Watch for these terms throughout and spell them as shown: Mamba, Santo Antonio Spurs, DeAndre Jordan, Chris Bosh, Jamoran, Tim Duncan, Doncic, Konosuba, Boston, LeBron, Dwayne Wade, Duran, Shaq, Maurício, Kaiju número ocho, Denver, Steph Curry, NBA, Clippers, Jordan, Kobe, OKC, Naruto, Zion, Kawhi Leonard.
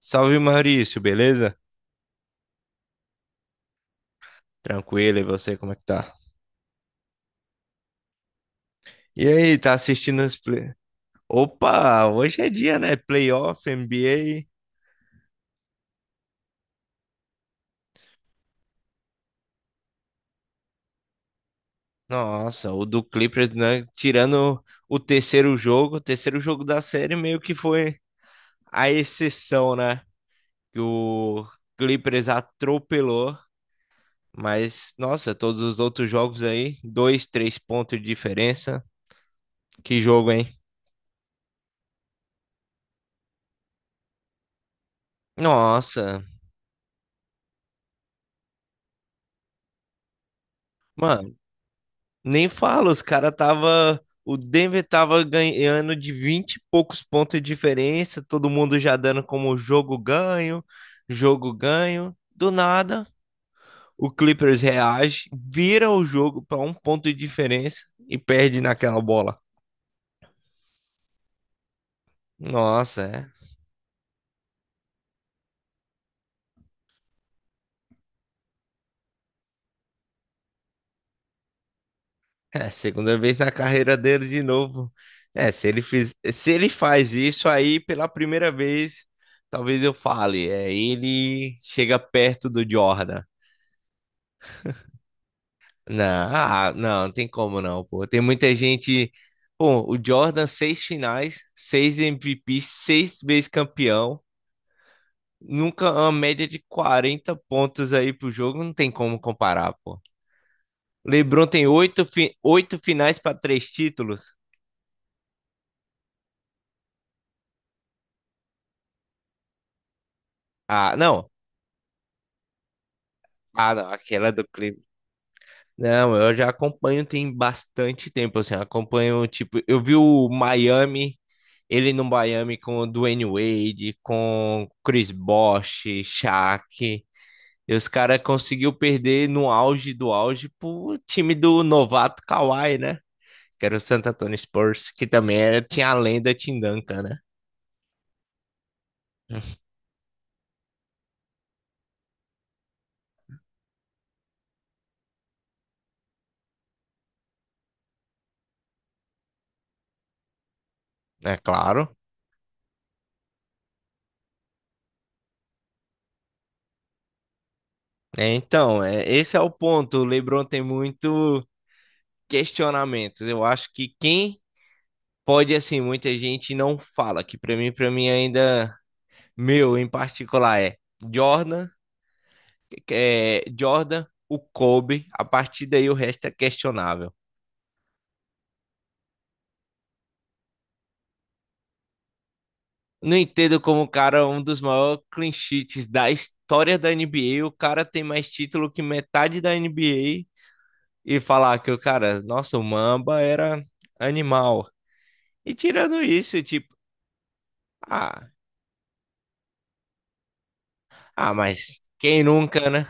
Salve Maurício, beleza? Tranquilo, e você, como é que tá? E aí, tá assistindo os play... Opa, hoje é dia, né? Playoff, NBA. Nossa, o do Clippers, né? Tirando o terceiro jogo da série meio que foi a exceção, né? Que o Clippers atropelou, mas nossa, todos os outros jogos aí, dois, três pontos de diferença. Que jogo, hein? Nossa, nem falo, os caras tava. O Denver tava ganhando de 20 e poucos pontos de diferença, todo mundo já dando como jogo ganho, jogo ganho. Do nada, o Clippers reage, vira o jogo para um ponto de diferença e perde naquela bola. Nossa, é. É, segunda vez na carreira dele de novo. É, se ele faz isso aí pela primeira vez, talvez eu fale, é, ele chega perto do Jordan. Não, ah, não, não tem como não, pô. Tem muita gente. Pô, o Jordan, seis finais, seis MVP, seis vezes campeão. Nunca uma média de 40 pontos aí pro jogo, não tem como comparar, pô. LeBron tem oito, oito finais para três títulos. Ah, não. Ah, não, aquela do Não, eu já acompanho tem bastante tempo, assim, acompanho, tipo, eu vi o Miami, ele no Miami com o Dwayne Wade, com Chris Bosh, Shaq, e os caras conseguiu perder no auge do auge pro time do novato Kawhi, né? Que era o Santo Antonio Spurs, que também era, tinha a lenda Tim Duncan, né? É claro. É, então, é, esse é o ponto, o LeBron tem muito questionamentos, eu acho que quem pode, assim, muita gente não fala, que para mim ainda, meu, em particular, é Jordan, Jordan, o Kobe, a partir daí o resto é questionável. Não entendo como o cara, é um dos maiores clean sheets da história da NBA, o cara tem mais título que metade da NBA e falar que o cara, nossa, o Mamba era animal. E tirando isso, tipo, ah, mas quem nunca, né?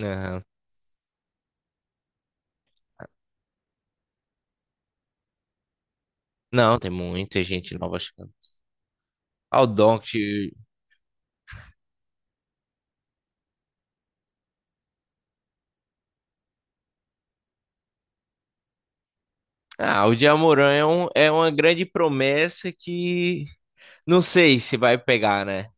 Aham. Não, tem muita gente nova chegando. Ah, o Doncic. Ah, o Jamoran é uma grande promessa que não sei se vai pegar, né?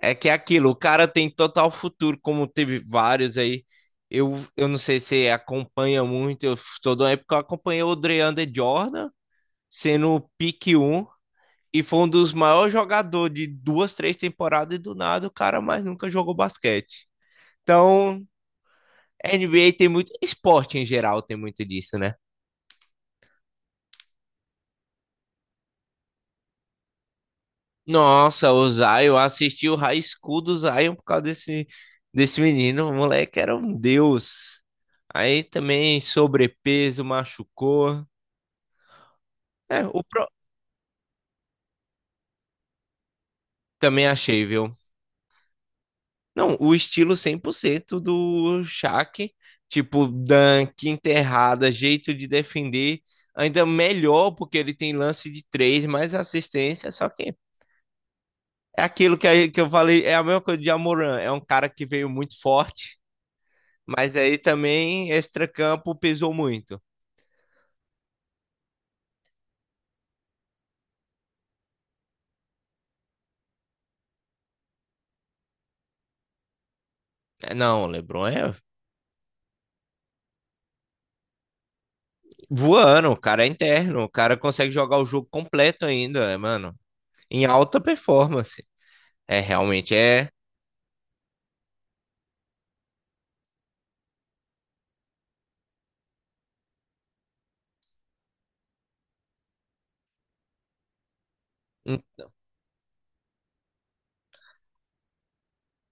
É que é aquilo, o cara tem total futuro, como teve vários aí. Eu não sei se acompanha muito, eu toda uma época eu acompanhei o DeAndre Jordan sendo o pique 1 e foi um dos maiores jogadores de duas, três temporadas e do nada o cara mais nunca jogou basquete. Então, NBA tem muito, esporte em geral tem muito disso, né? Nossa, o Zion, eu assisti o High School do Zion por causa desse menino. O moleque era um deus. Aí também sobrepeso, machucou. É, também achei, viu? Não, o estilo 100% do Shaq, tipo, dunk, enterrada, jeito de defender, ainda melhor porque ele tem lance de três, mais assistência, só que é aquilo que, que eu falei, é a mesma coisa de Amoran, é um cara que veio muito forte. Mas aí também extracampo pesou muito. É, não, o LeBron é voando, o cara é interno, o cara consegue jogar o jogo completo ainda, é, mano, em alta performance. É realmente é um-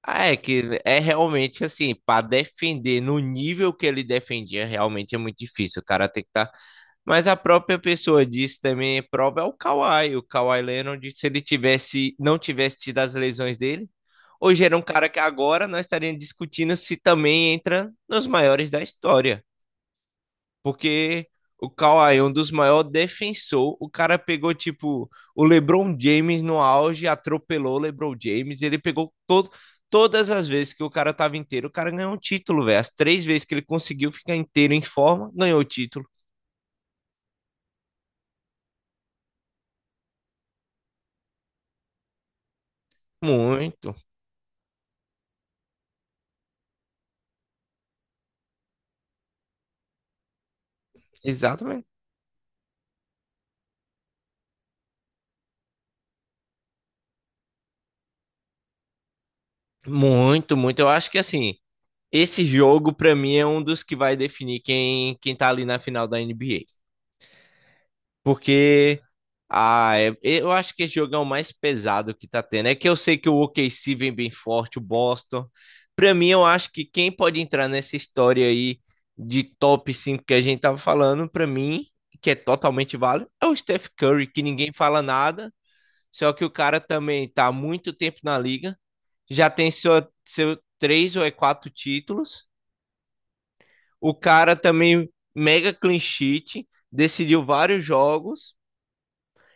ah, é que é realmente assim, para defender no nível que ele defendia, realmente é muito difícil. O cara tem que estar. Mas a própria pessoa disse também, prova é o Kawhi. O Kawhi Leonard, se ele tivesse, não tivesse tido as lesões dele, hoje era um cara que agora nós estaríamos discutindo se também entra nos maiores da história. Porque o Kawhi é um dos maiores defensores. O cara pegou, tipo, o LeBron James no auge, atropelou o LeBron James. Ele pegou todo, todas as vezes que o cara tava inteiro, o cara ganhou um título, velho. As três vezes que ele conseguiu ficar inteiro em forma, ganhou o título. Muito, exatamente. Muito, muito. Eu acho que assim, esse jogo pra mim é um dos que vai definir quem tá ali na final da NBA. Porque eu acho que esse jogo é o mais pesado que tá tendo. É que eu sei que o OKC vem bem forte, o Boston. Pra mim, eu acho que quem pode entrar nessa história aí de top 5 que a gente tava falando, pra mim, que é totalmente válido, é o Steph Curry, que ninguém fala nada, só que o cara também tá há muito tempo na liga, já tem seu três ou é quatro títulos. O cara também mega clean sheet, decidiu vários jogos.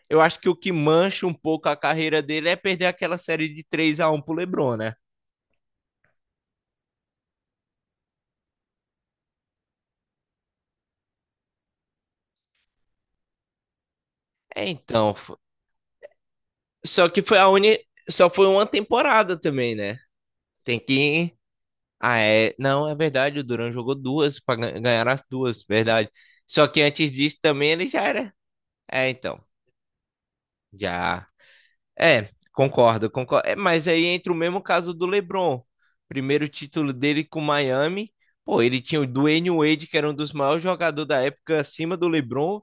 Eu acho que o que mancha um pouco a carreira dele é perder aquela série de três a 1 pro LeBron, né? É, então, só que só foi uma temporada também, né? Tem que é, não, é verdade, o Duran jogou duas para ganhar as duas, verdade. Só que antes disso também ele já era. É, então, já. É, concordo, concordo. É, mas aí entra o mesmo caso do LeBron. Primeiro título dele com Miami. Pô, ele tinha o Dwayne Wade, que era um dos maiores jogadores da época, acima do LeBron.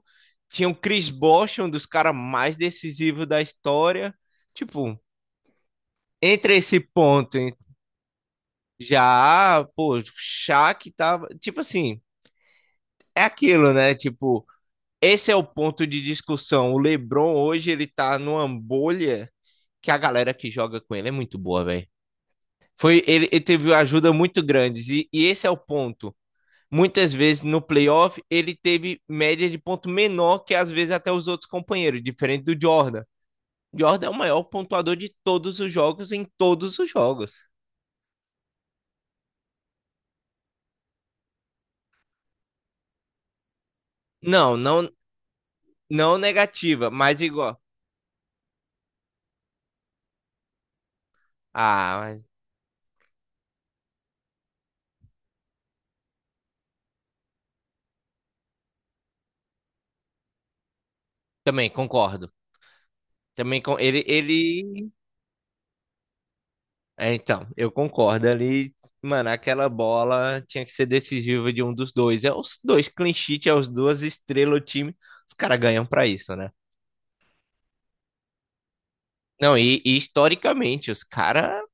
Tinha o Chris Bosh, um dos caras mais decisivos da história. Tipo, entre esse ponto, hein, já, pô, o Shaq tava. Tipo assim, é aquilo, né? Tipo, esse é o ponto de discussão. O LeBron hoje ele tá numa bolha que a galera que joga com ele é muito boa, velho. Foi, ele teve uma ajuda muito grande. E esse é o ponto. Muitas vezes no playoff, ele teve média de ponto menor que às vezes até os outros companheiros, diferente do Jordan. Jordan é o maior pontuador de todos os jogos em todos os jogos. Não, não, não negativa, mas igual. Ah, mas também concordo. Também com ele. É, então, eu concordo ali. Mano, aquela bola tinha que ser decisiva de um dos dois. É os dois clean sheet, é os duas estrelas do time. Os caras ganham pra isso, né? Não, e historicamente, os caras.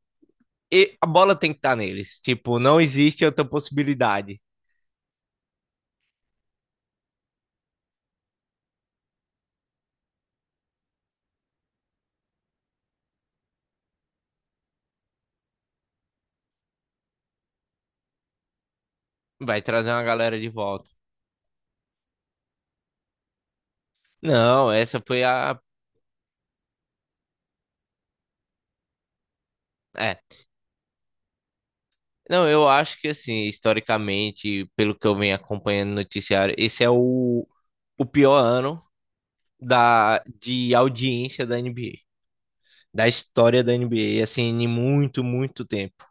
A bola tem que estar neles. Tipo, não existe outra possibilidade. Vai trazer uma galera de volta. Não, essa foi a. É. Não, eu acho que, assim, historicamente, pelo que eu venho acompanhando no noticiário, esse é o pior ano de audiência da NBA, da história da NBA, assim, em muito, muito tempo.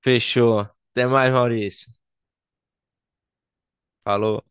Fechou. Até mais, Maurício. Falou.